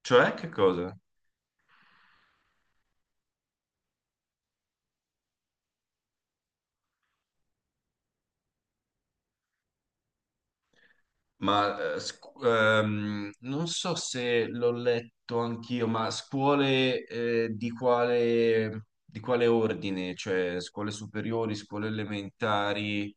Cioè, che cosa? Ma non so se l'ho letto anch'io, ma scuole di quale ordine? Cioè, scuole superiori, scuole elementari?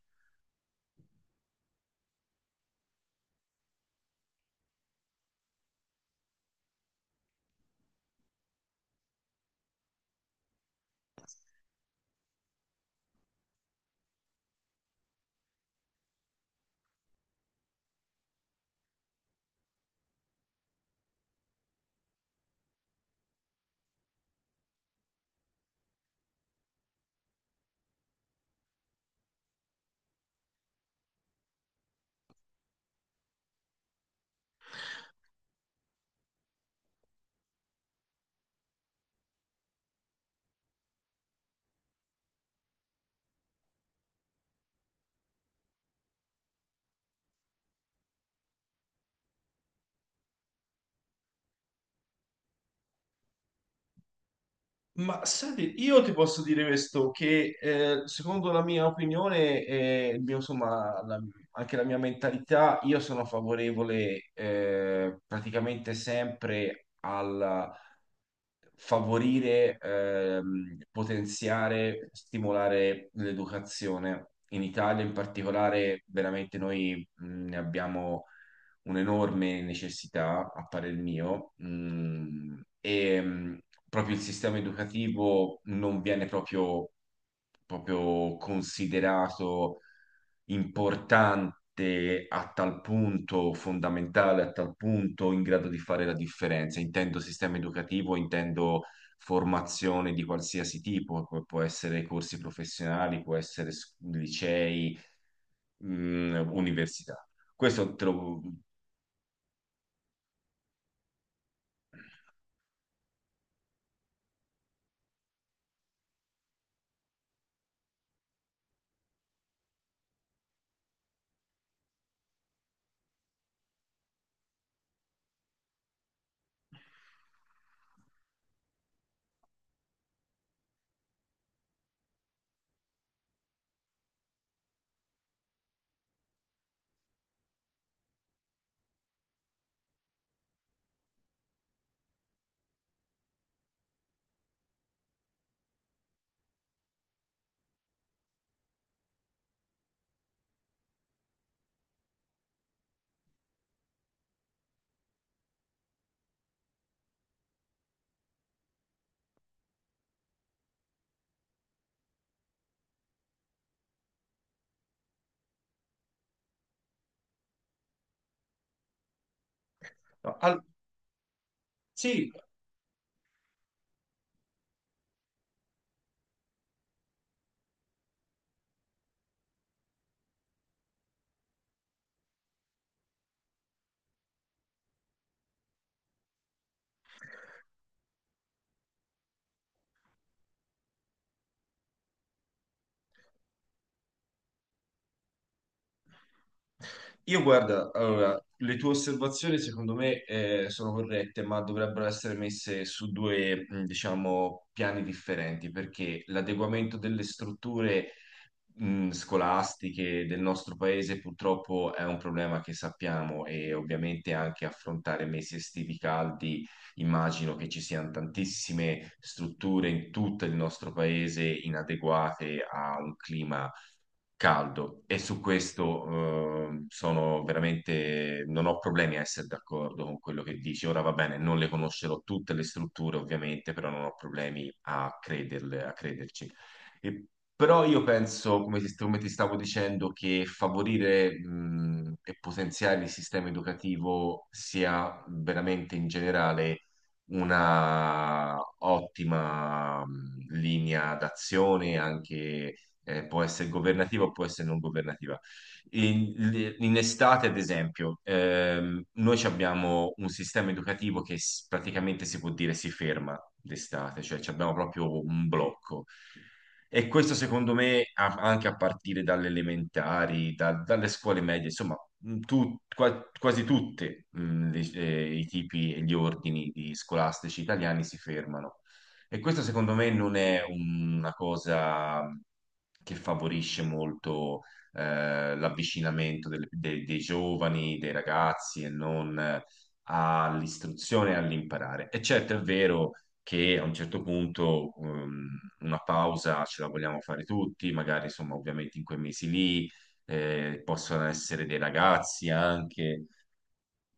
Ma senti, io ti posso dire questo, che secondo la mia opinione, e il mio, insomma, anche la mia mentalità, io sono favorevole praticamente sempre al favorire, potenziare, stimolare l'educazione. In Italia in particolare, veramente noi ne abbiamo un'enorme necessità, a parer mio, e proprio il sistema educativo non viene proprio, proprio considerato importante a tal punto, fondamentale a tal punto, in grado di fare la differenza. Intendo sistema educativo, intendo formazione di qualsiasi tipo, può essere corsi professionali, può essere licei, università. Questo te lo, No, al- sì, io guarda, allora, le tue osservazioni secondo me sono corrette, ma dovrebbero essere messe su due, diciamo, piani differenti, perché l'adeguamento delle strutture scolastiche del nostro paese purtroppo è un problema che sappiamo e ovviamente anche affrontare mesi estivi caldi, immagino che ci siano tantissime strutture in tutto il nostro paese inadeguate a un clima caldo e su questo sono veramente, non ho problemi a essere d'accordo con quello che dici. Ora va bene, non le conoscerò tutte le strutture ovviamente, però non ho problemi a crederle, a crederci. E- Però io penso, come ti stavo dicendo, che favorire e potenziare il sistema educativo sia veramente in generale una ottima linea d'azione anche può essere governativa o può essere non governativa. In, in estate, ad esempio, noi ci abbiamo un sistema educativo che praticamente si può dire si ferma d'estate, cioè ci abbiamo proprio un blocco. E questo secondo me anche a partire dalle elementari, dalle scuole medie, insomma, quasi tutti i tipi e gli ordini di scolastici italiani si fermano. E questo secondo me non è una cosa che favorisce molto l'avvicinamento dei, dei giovani, dei ragazzi e non all'istruzione e all'imparare. E certo è vero che a un certo punto una pausa ce la vogliamo fare tutti, magari insomma ovviamente in quei mesi lì possono essere dei ragazzi anche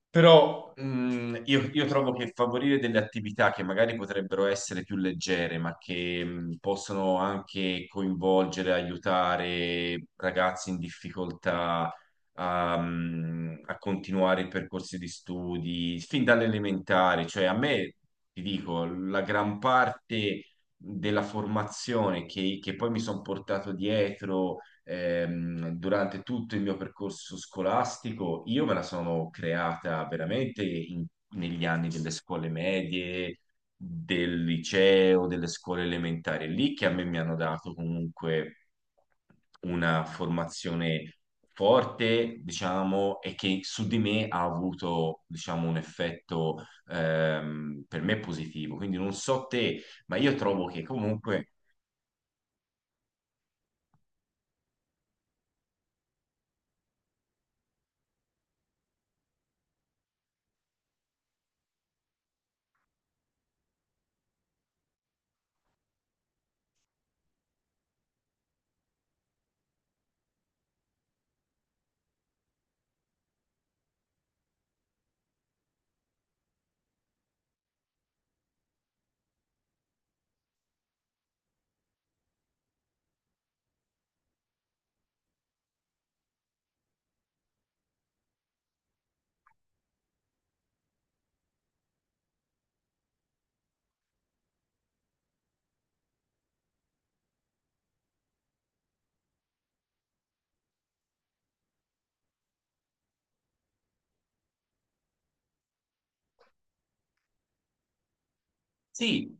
però mh, io trovo che favorire delle attività che magari potrebbero essere più leggere, ma che possono anche coinvolgere, aiutare ragazzi in difficoltà a, a continuare i percorsi di studi, fin dall'elementare, cioè a me, ti dico, la gran parte della formazione che poi mi sono portato dietro durante tutto il mio percorso scolastico, io me la sono creata veramente negli anni delle scuole medie, del liceo, delle scuole elementari. È lì che a me mi hanno dato comunque una formazione forte, diciamo, e che su di me ha avuto, diciamo, un effetto per me positivo. Quindi non so te, ma io trovo che comunque sì,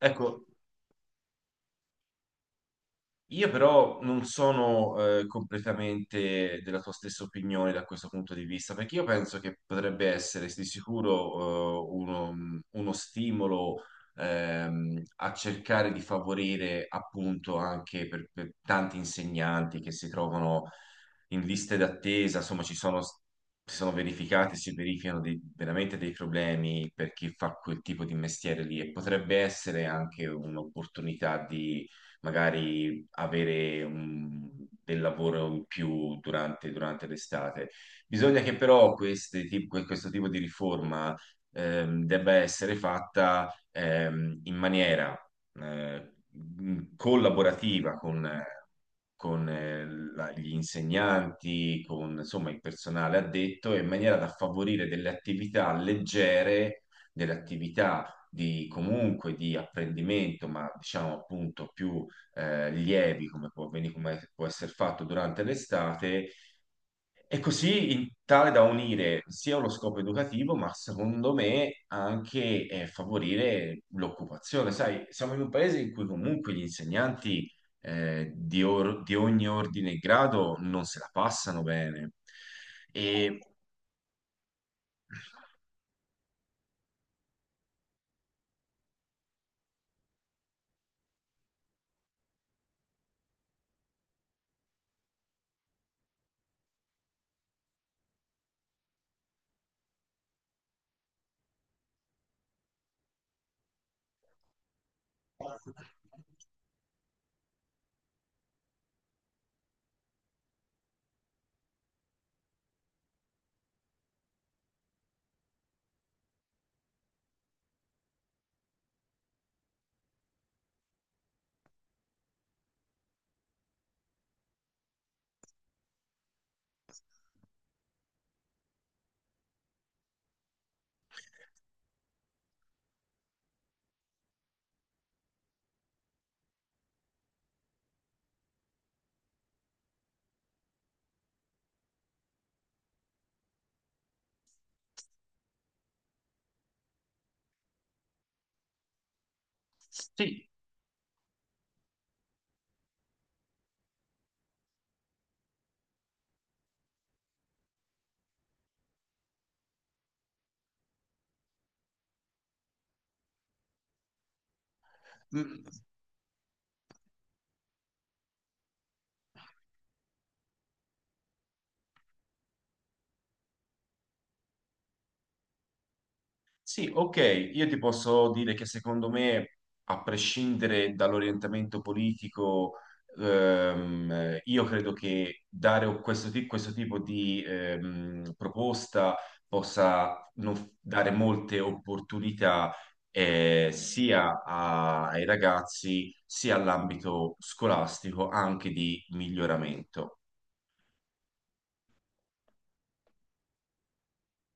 ecco, io però non sono completamente della tua stessa opinione da questo punto di vista, perché io penso che potrebbe essere di sicuro uno, uno stimolo a cercare di favorire appunto anche per tanti insegnanti che si trovano in liste d'attesa, insomma ci sono, si sono verificati, si verificano veramente dei problemi per chi fa quel tipo di mestiere lì e potrebbe essere anche un'opportunità di magari avere del lavoro in più durante, durante l'estate. Bisogna che però questo tipo di riforma debba essere fatta in maniera collaborativa con gli insegnanti, con insomma il personale addetto, in maniera da favorire delle attività leggere, delle attività di comunque di apprendimento, ma diciamo appunto più lievi, come può, come può essere fatto durante l'estate, e così in tale da unire sia uno scopo educativo, ma secondo me anche favorire l'occupazione. Sai, siamo in un paese in cui comunque gli insegnanti di ogni ordine e grado non se la passano bene. E sì. Sì, ok, io ti posso dire che secondo me, a prescindere dall'orientamento politico, io credo che dare questo, questo tipo di proposta possa dare molte opportunità sia ai ragazzi sia all'ambito scolastico anche di miglioramento.